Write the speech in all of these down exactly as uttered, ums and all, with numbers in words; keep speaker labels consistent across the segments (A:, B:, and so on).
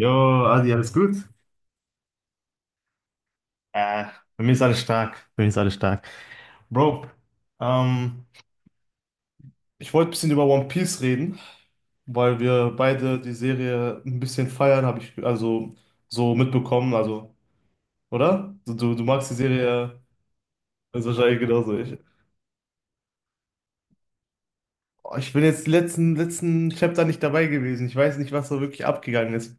A: Jo, Adi, alles gut? Äh, bei mir ist alles stark. Bei mir ist alles stark. Bro, ähm, ich wollte ein bisschen über One Piece reden, weil wir beide die Serie ein bisschen feiern, habe ich also so mitbekommen, also, oder? Du, du, du magst die Serie also wahrscheinlich genauso. Ich, oh, ich bin jetzt letzten, letzten Chapter nicht dabei gewesen. Ich weiß nicht, was da wirklich abgegangen ist.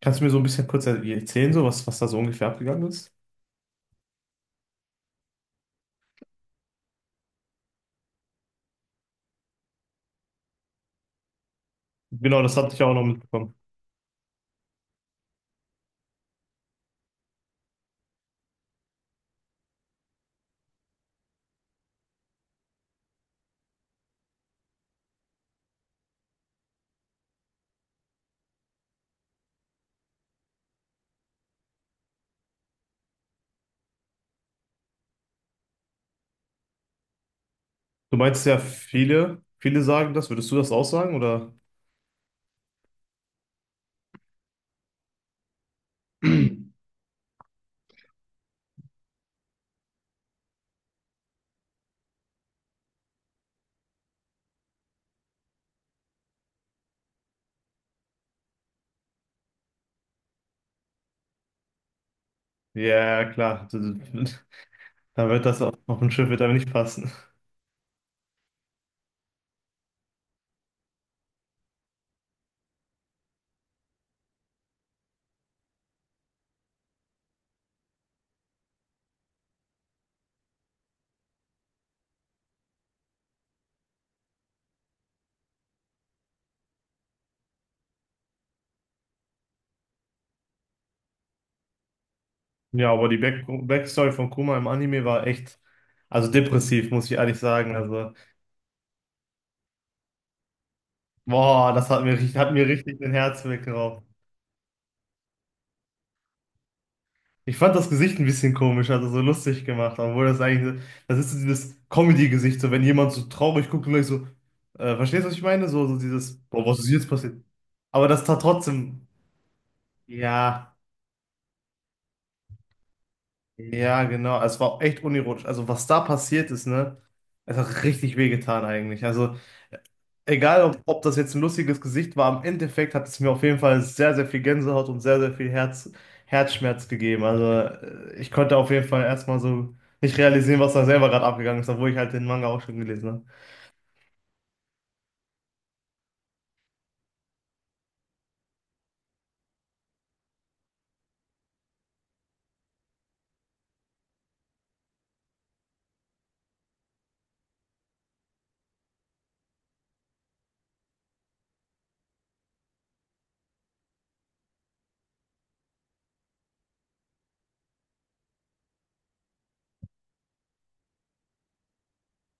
A: Kannst du mir so ein bisschen kurz erzählen, so was, was da so ungefähr abgegangen ist? Genau, das hatte ich auch noch mitbekommen. Du meinst ja, viele, viele sagen das. Würdest du das auch sagen, oder? Ja, klar. Da wird das auf auf dem Schiff wird aber nicht passen. Ja, aber die Back Backstory von Kuma im Anime war echt, also depressiv, muss ich ehrlich sagen. Also, boah, das hat mir, richtig- hat mir richtig den Herz weggeraubt. Ich fand das Gesicht ein bisschen komisch, also so lustig gemacht, obwohl das eigentlich, das ist so dieses Comedy-Gesicht, so wenn jemand so traurig guckt und gleich so, äh, verstehst du, was ich meine? So, so dieses, boah, was ist jetzt passiert? Aber das tat trotzdem, ja. Ja, genau. Es war auch echt unironisch. Also, was da passiert ist, ne? Es hat richtig wehgetan eigentlich. Also, egal ob, ob das jetzt ein lustiges Gesicht war, im Endeffekt hat es mir auf jeden Fall sehr, sehr viel Gänsehaut und sehr, sehr viel Herz, Herzschmerz gegeben. Also, äh, ich konnte auf jeden Fall erstmal so nicht realisieren, was da selber gerade abgegangen ist, obwohl ich halt den Manga auch schon gelesen habe.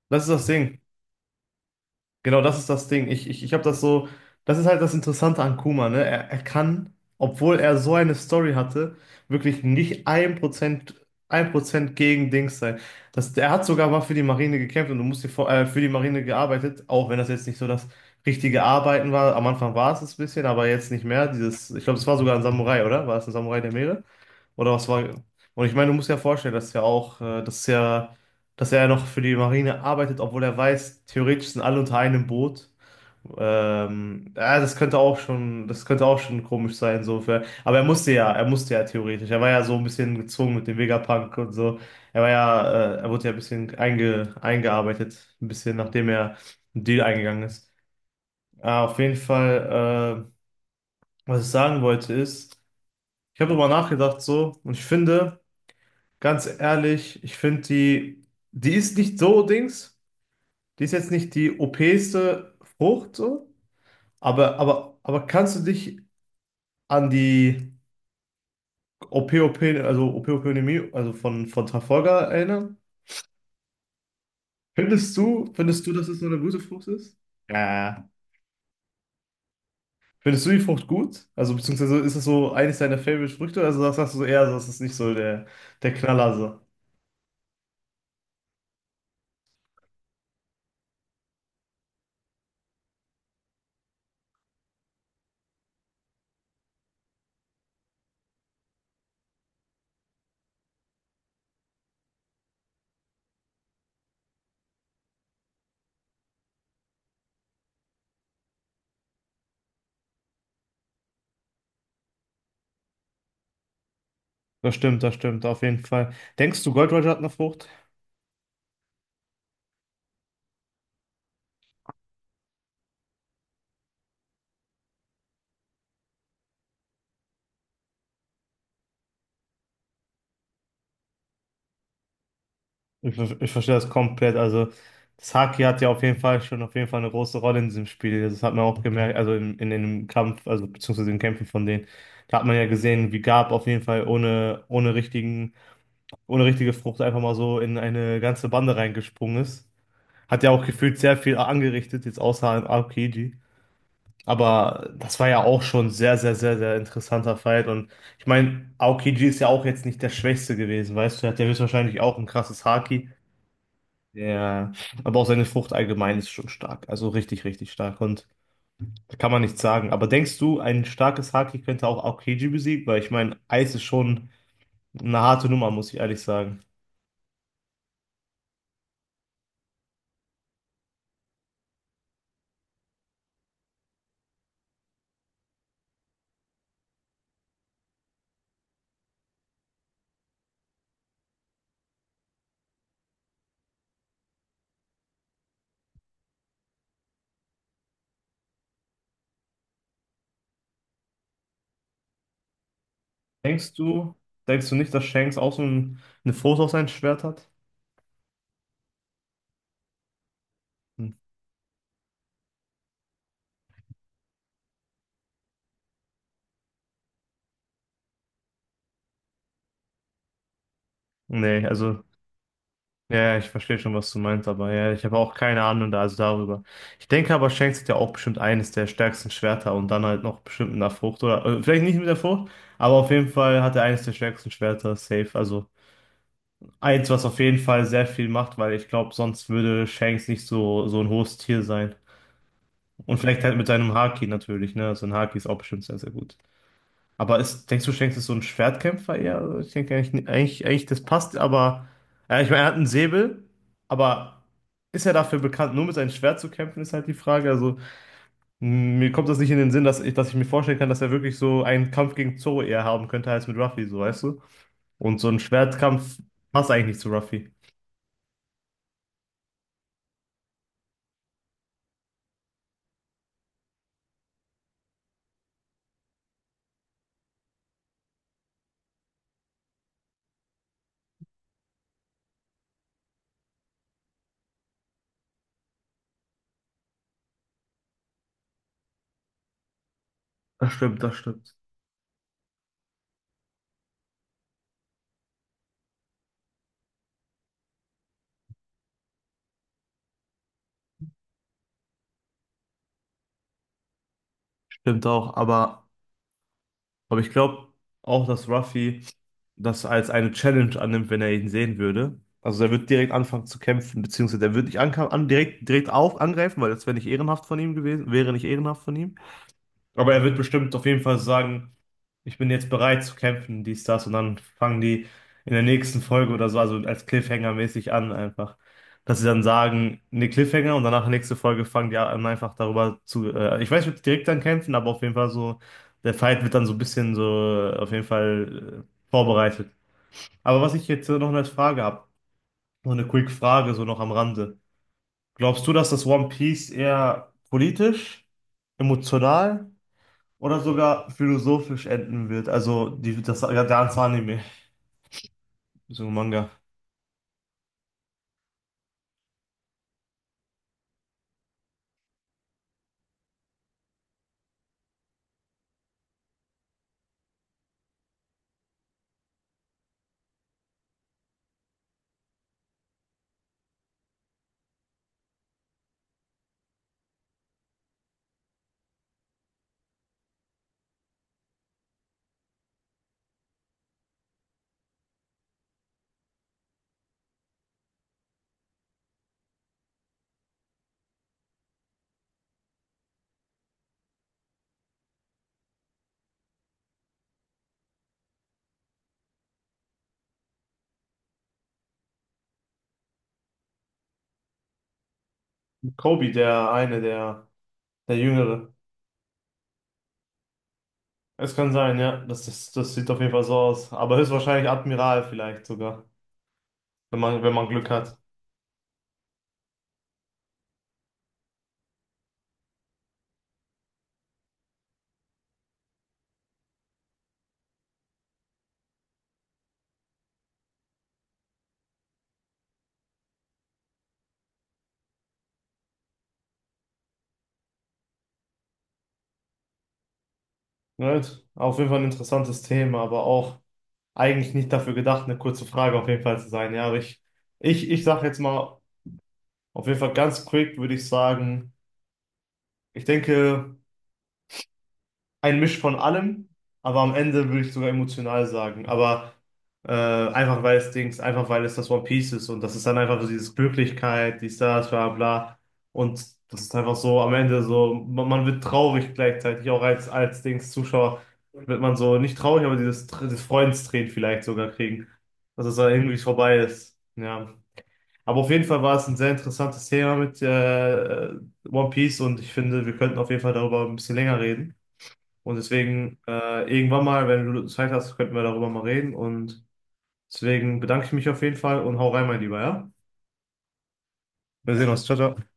A: Das ist das Ding. Genau, das ist das Ding. Ich, ich, ich habe das so, das ist halt das Interessante an Kuma, ne? Er, er kann, obwohl er so eine Story hatte, wirklich nicht ein Prozent, ein Prozent gegen Dings sein. Das, er hat sogar mal für die Marine gekämpft und du musst dir vor, äh, für die Marine gearbeitet, auch wenn das jetzt nicht so das richtige Arbeiten war. Am Anfang war es es ein bisschen, aber jetzt nicht mehr. Dieses, ich glaube, es war sogar ein Samurai, oder? War es ein Samurai der Meere? Oder was war. Und ich meine, du musst dir ja vorstellen, dass ja auch, äh, dass ja, dass er ja noch für die Marine arbeitet, obwohl er weiß, theoretisch sind alle unter einem Boot. Ähm, ja, das könnte auch schon, das könnte auch schon komisch sein, so für, aber er musste ja, er musste ja theoretisch. Er war ja so ein bisschen gezwungen mit dem Vegapunk und so. Er war ja, äh, er wurde ja ein bisschen einge, eingearbeitet, ein bisschen nachdem er einen Deal eingegangen ist. Ah, auf jeden Fall, äh, was ich sagen wollte ist, ich habe darüber nachgedacht so und ich finde, ganz ehrlich, ich finde die, die ist nicht so Dings, die ist jetzt nicht die OPste Frucht so, aber, aber, aber kannst du dich an die O P-O P, also O P-Ökonomie, also von, von Trafalgar erinnern? Findest du, findest du, dass es so eine gute Frucht ist? Ja. Findest du die Frucht gut? Also beziehungsweise ist es so eines deiner Favorite-Früchte? Also das sagst du so eher, so, das ist nicht so der, der Knaller so. Das stimmt, das stimmt, auf jeden Fall. Denkst du, Gold Roger hat eine Frucht? Ich, ver- ich verstehe das komplett. Also, das Haki hat ja auf jeden Fall schon auf jeden Fall eine große Rolle in diesem Spiel. Das hat man auch gemerkt, also in, in dem Kampf, also beziehungsweise den Kämpfen von denen. Da hat man ja gesehen, wie Garp auf jeden Fall ohne, ohne richtigen, ohne richtige Frucht einfach mal so in eine ganze Bande reingesprungen ist. Hat ja auch gefühlt sehr viel angerichtet, jetzt außer im Aokiji. Aber das war ja auch schon sehr, sehr, sehr, sehr interessanter Fight. Und ich meine, Aokiji ist ja auch jetzt nicht der Schwächste gewesen, weißt du? Er hat ja höchstwahrscheinlich auch ein krasses Haki. Ja, aber auch seine Frucht allgemein ist schon stark. Also richtig, richtig stark. Und da kann man nichts sagen. Aber denkst du, ein starkes Haki könnte auch Aokiji besiegen? Weil ich meine, Eis ist schon eine harte Nummer, muss ich ehrlich sagen. Denkst du, denkst du nicht, dass Shanks auch so ein, eine Frucht auf sein Schwert hat? Hm. Nee, also. Ja, ja, ich verstehe schon, was du meinst, aber ja, ich habe auch keine Ahnung da, also darüber. Ich denke aber, Shanks hat ja auch bestimmt eines der stärksten Schwerter und dann halt noch bestimmt mit einer Frucht oder äh, vielleicht nicht mit der Frucht, aber auf jeden Fall hat er eines der stärksten Schwerter safe. Also eins, was auf jeden Fall sehr viel macht, weil ich glaube, sonst würde Shanks nicht so so ein hohes Tier sein. Und vielleicht halt mit seinem Haki natürlich, ne? Also ein Haki ist auch bestimmt sehr, sehr gut. Aber ist, denkst du, Shanks ist so ein Schwertkämpfer eher? Also ich denke eigentlich, eigentlich, eigentlich, das passt, aber ja, ich meine, er hat einen Säbel, aber ist er dafür bekannt, nur mit seinem Schwert zu kämpfen, ist halt die Frage. Also m, mir kommt das nicht in den Sinn, dass ich, dass ich mir vorstellen kann, dass er wirklich so einen Kampf gegen Zoro eher haben könnte als mit Ruffy, so weißt du? Und so ein Schwertkampf passt eigentlich nicht zu Ruffy. Das stimmt, das stimmt. Stimmt auch, aber. Aber ich glaube auch, dass Ruffy das als eine Challenge annimmt, wenn er ihn sehen würde. Also er wird direkt anfangen zu kämpfen, beziehungsweise er wird nicht anka- an, direkt, direkt auf angreifen, weil das wäre nicht ehrenhaft von ihm gewesen, wäre nicht ehrenhaft von ihm. Aber er wird bestimmt auf jeden Fall sagen, ich bin jetzt bereit zu kämpfen, dies, das. Und dann fangen die in der nächsten Folge oder so, also als Cliffhanger-mäßig an einfach. Dass sie dann sagen, ne Cliffhanger und danach nächste Folge fangen die an, einfach darüber zu. Äh, ich weiß nicht, ob die direkt dann kämpfen, aber auf jeden Fall so, der Fight wird dann so ein bisschen so äh, auf jeden Fall äh, vorbereitet. Aber was ich jetzt äh, noch als Frage habe, so eine Quick-Frage, so noch am Rande. Glaubst du, dass das One Piece eher politisch, emotional? Oder sogar philosophisch enden wird. Also die, das ja, ganze Anime, so ein Manga. Kobe, der eine, der, der Jüngere. Es kann sein, ja. Das, das, das sieht auf jeden Fall so aus. Aber höchstwahrscheinlich Admiral vielleicht sogar, wenn man, wenn man, Glück hat. Right? Auf jeden Fall ein interessantes Thema, aber auch eigentlich nicht dafür gedacht, eine kurze Frage auf jeden Fall zu sein. Ja, aber ich, ich, ich sage jetzt mal, auf jeden Fall ganz quick würde ich sagen, ich denke. Ein Misch von allem, aber am Ende würde ich sogar emotional sagen. Aber äh, einfach weil es Dings, einfach weil es das One Piece ist und das ist dann einfach so dieses Glücklichkeit, dies, das, bla bla. Und das ist einfach so am Ende so, man, man wird traurig gleichzeitig, auch als, als Dings Zuschauer wird man so nicht traurig, aber dieses, Tr- dieses Freudentränen vielleicht sogar kriegen, dass es dann irgendwie vorbei ist. Ja. Aber auf jeden Fall war es ein sehr interessantes Thema mit äh, One Piece und ich finde, wir könnten auf jeden Fall darüber ein bisschen länger reden. Und deswegen, äh, irgendwann mal, wenn du Zeit hast, könnten wir darüber mal reden. Und deswegen bedanke ich mich auf jeden Fall und hau rein, mein Lieber, ja? Wir sehen uns. Ciao, ciao.